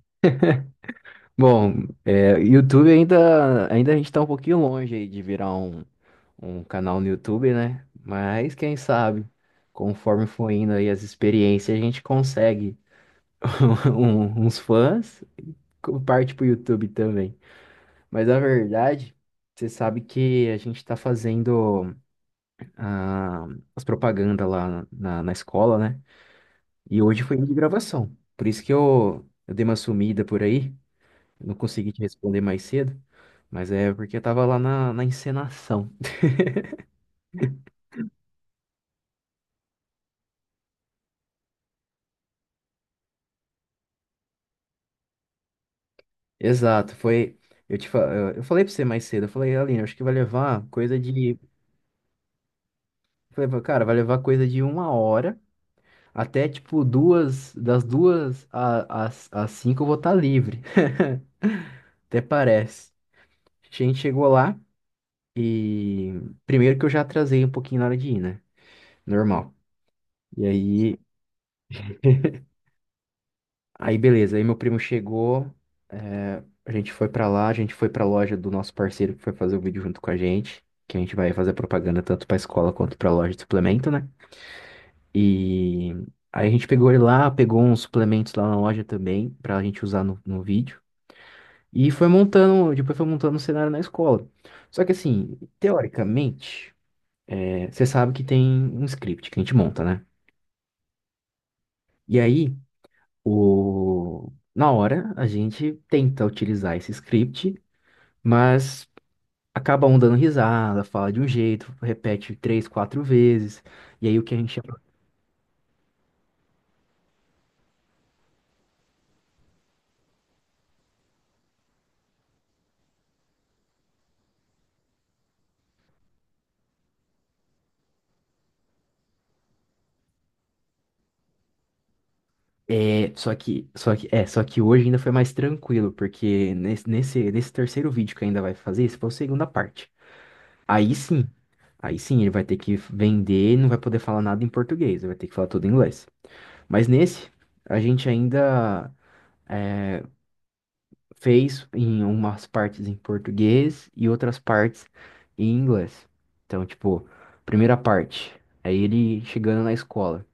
Bom, YouTube ainda a gente tá um pouquinho longe aí de virar um canal no YouTube, né? Mas quem sabe, conforme for indo aí as experiências, a gente consegue uns fãs, parte pro YouTube também. Mas na verdade, você sabe que a gente tá fazendo ah, as propagandas lá na escola, né? E hoje foi dia de gravação. Por isso que eu dei uma sumida por aí. Eu não consegui te responder mais cedo, mas é porque eu tava lá na encenação. Exato, foi. Eu te, fa- eu falei pra você mais cedo, eu falei, Aline, acho que vai levar coisa de. Eu Falei, cara, vai levar coisa de uma hora até tipo duas, das duas às cinco eu vou estar livre. Até parece. A gente chegou lá e primeiro que eu já atrasei um pouquinho na hora de ir, né? Normal. E aí Aí beleza, aí meu primo chegou, a gente foi pra lá, a gente foi pra loja do nosso parceiro que foi fazer o vídeo junto com a gente, que a gente vai fazer propaganda tanto pra escola quanto pra loja de suplemento, né? E aí a gente pegou ele lá, pegou uns suplementos lá na loja também, pra gente usar no vídeo, e foi montando, depois foi montando um cenário na escola. Só que assim, teoricamente, você sabe que tem um script que a gente monta, né? E aí, na hora, a gente tenta utilizar esse script. Mas acaba um dando risada, fala de um jeito, repete três, quatro vezes. E aí o que a gente é, só que, é, só que hoje ainda foi mais tranquilo, porque nesse terceiro vídeo que ainda vai fazer, esse foi a segunda parte. Aí sim, aí sim, ele vai ter que vender, e não vai poder falar nada em português, ele vai ter que falar tudo em inglês. Mas nesse, a gente ainda é, fez em umas partes em português e outras partes em inglês. Então, tipo, primeira parte, é ele chegando na escola.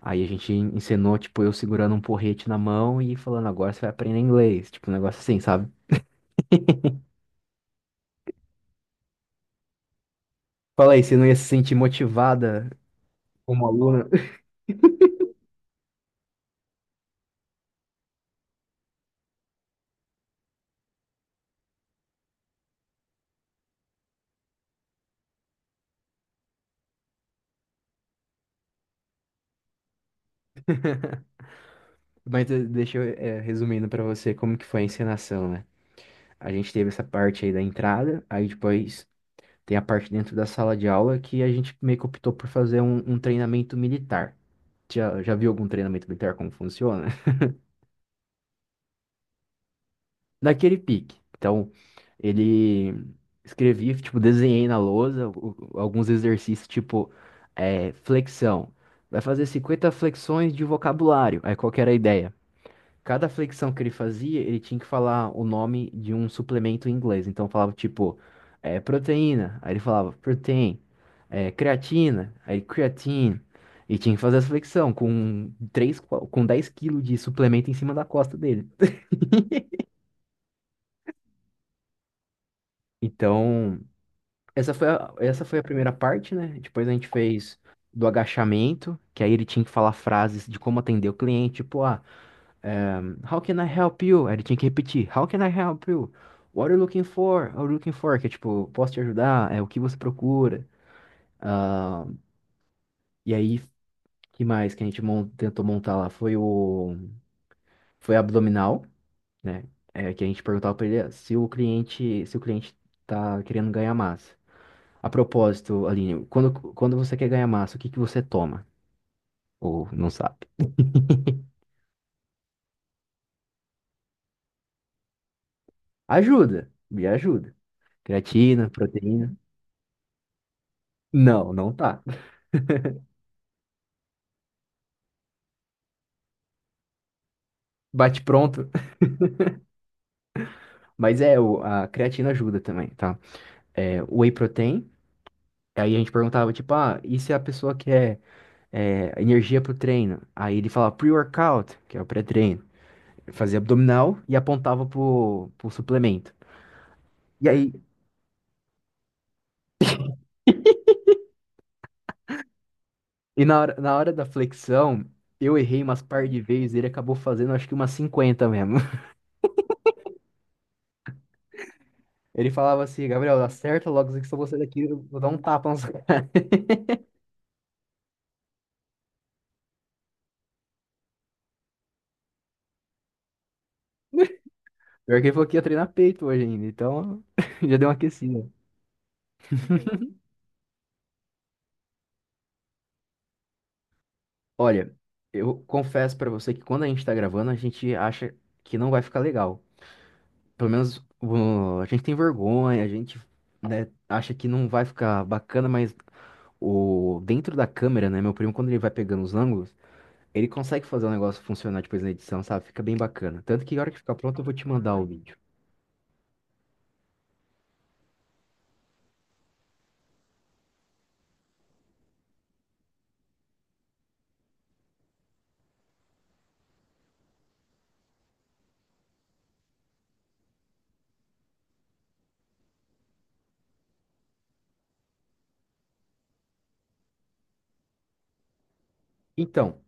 Aí a gente ensinou, tipo, eu segurando um porrete na mão e falando, agora você vai aprender inglês. Tipo, um negócio assim, sabe? Fala aí, você não ia se sentir motivada como aluna? Mas deixa eu, resumindo pra você como que foi a encenação, né? A gente teve essa parte aí da entrada, aí depois tem a parte dentro da sala de aula que a gente meio que optou por fazer um treinamento militar. Já viu algum treinamento militar como funciona? Daquele pique. Então, ele escrevi, tipo, desenhei na lousa o- alguns exercícios, tipo, flexão. Vai fazer 50 flexões de vocabulário. Aí qual que era a ideia? Cada flexão que ele fazia, ele tinha que falar o nome de um suplemento em inglês. Então falava tipo, proteína. Aí ele falava protein, creatina, aí creatine. E tinha que fazer essa flexão com 10 quilos de suplemento em cima da costa dele. Então, essa foi a primeira parte, né? Depois a gente fez do agachamento, que aí ele tinha que falar frases de como atender o cliente, tipo, ah. How can I help you? Aí ele tinha que repetir. How can I help you? What are you looking for? What are you looking for? Que é tipo, posso te ajudar? É o que você procura? Ah, e aí, que mais que a gente tentou montar lá? Foi abdominal, né? É, que a gente perguntava pra ele se o cliente tá querendo ganhar massa. A propósito, Aline, quando você quer ganhar massa, o que que você toma? Ou não sabe? Ajuda, me ajuda. Creatina, proteína. Não, não tá. Bate pronto. Mas é, a creatina ajuda também, tá? É, o whey protein, aí a gente perguntava, tipo, ah, e se a pessoa quer energia pro treino? Aí ele falava pre-workout, que é o pré-treino. Ele fazia abdominal e apontava pro suplemento. E aí, e na hora da flexão, eu errei umas par de vezes, ele acabou fazendo acho que umas 50 mesmo. Ele falava assim, Gabriel, acerta logo isso que se você daqui, eu vou dar um tapa na sua cara. Pior que ele falou que ia treinar peito hoje ainda, então já deu uma aquecida. Olha, eu confesso pra você que quando a gente tá gravando, a gente acha que não vai ficar legal. Pelo menos a gente tem vergonha, a gente, né, acha que não vai ficar bacana, mas o dentro da câmera, né, meu primo, quando ele vai pegando os ângulos, ele consegue fazer o negócio funcionar depois na edição, sabe? Fica bem bacana. Tanto que a hora que ficar pronto, eu vou te mandar o vídeo. Então,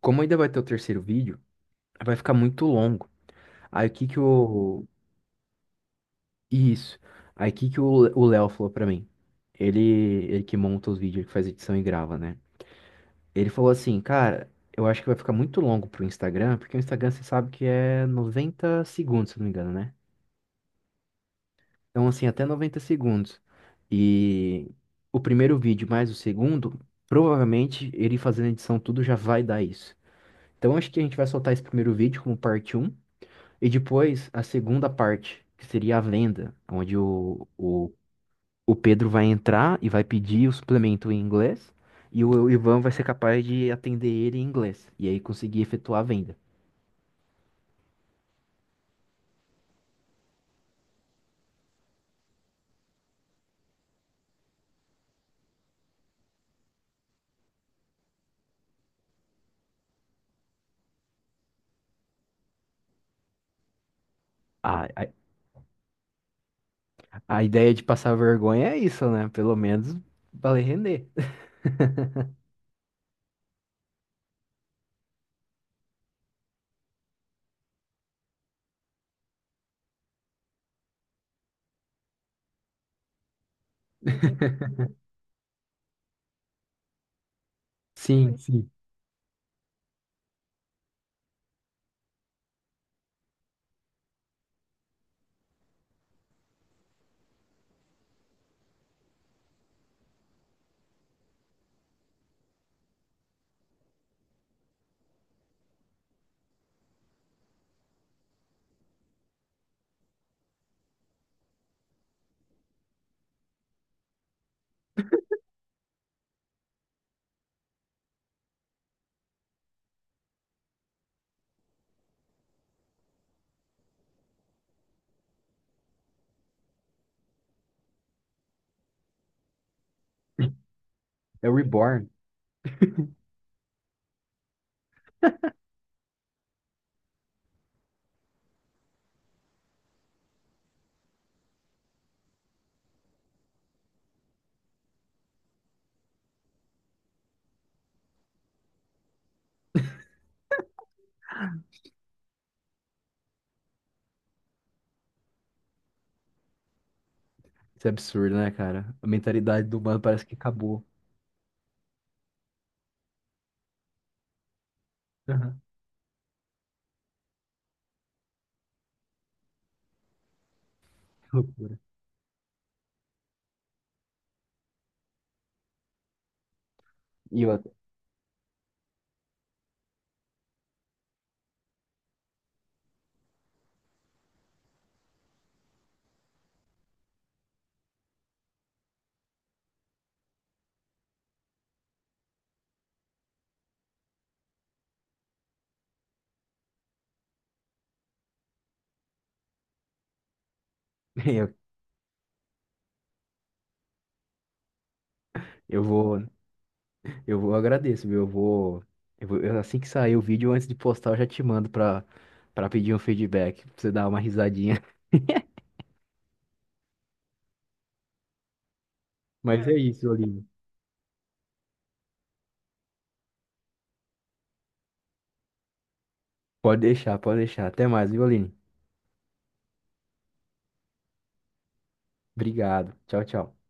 como ainda vai ter o terceiro vídeo, vai ficar muito longo. Aí o que que eu, Isso. Aí que o Léo falou pra mim? Ele que monta os vídeos, ele que faz edição e grava, né? Ele falou assim, cara, eu acho que vai ficar muito longo pro Instagram, porque o Instagram você sabe que é 90 segundos, se não me engano, né? Então, assim, até 90 segundos. E o primeiro vídeo mais o segundo, provavelmente ele fazendo edição tudo já vai dar isso. Então, acho que a gente vai soltar esse primeiro vídeo como parte um e depois a segunda parte, que seria a venda, onde o Pedro vai entrar e vai pedir o suplemento em inglês, e o Ivan vai ser capaz de atender ele em inglês, e aí conseguir efetuar a venda. A, a, a ideia de passar vergonha é isso, né? Pelo menos vai render. Sim, sim. É o Reborn. Isso é absurdo, né, cara? A mentalidade do humano parece que acabou. Aham. Que loucura. E eu, eu, eu vou, eu agradeço, viu? Assim que sair o vídeo, antes de postar, eu já te mando pra pedir um feedback, pra você dar uma risadinha. Mas é isso, Olívio. Pode deixar, pode deixar. Até mais, viu, Aline? Obrigado. Tchau, tchau.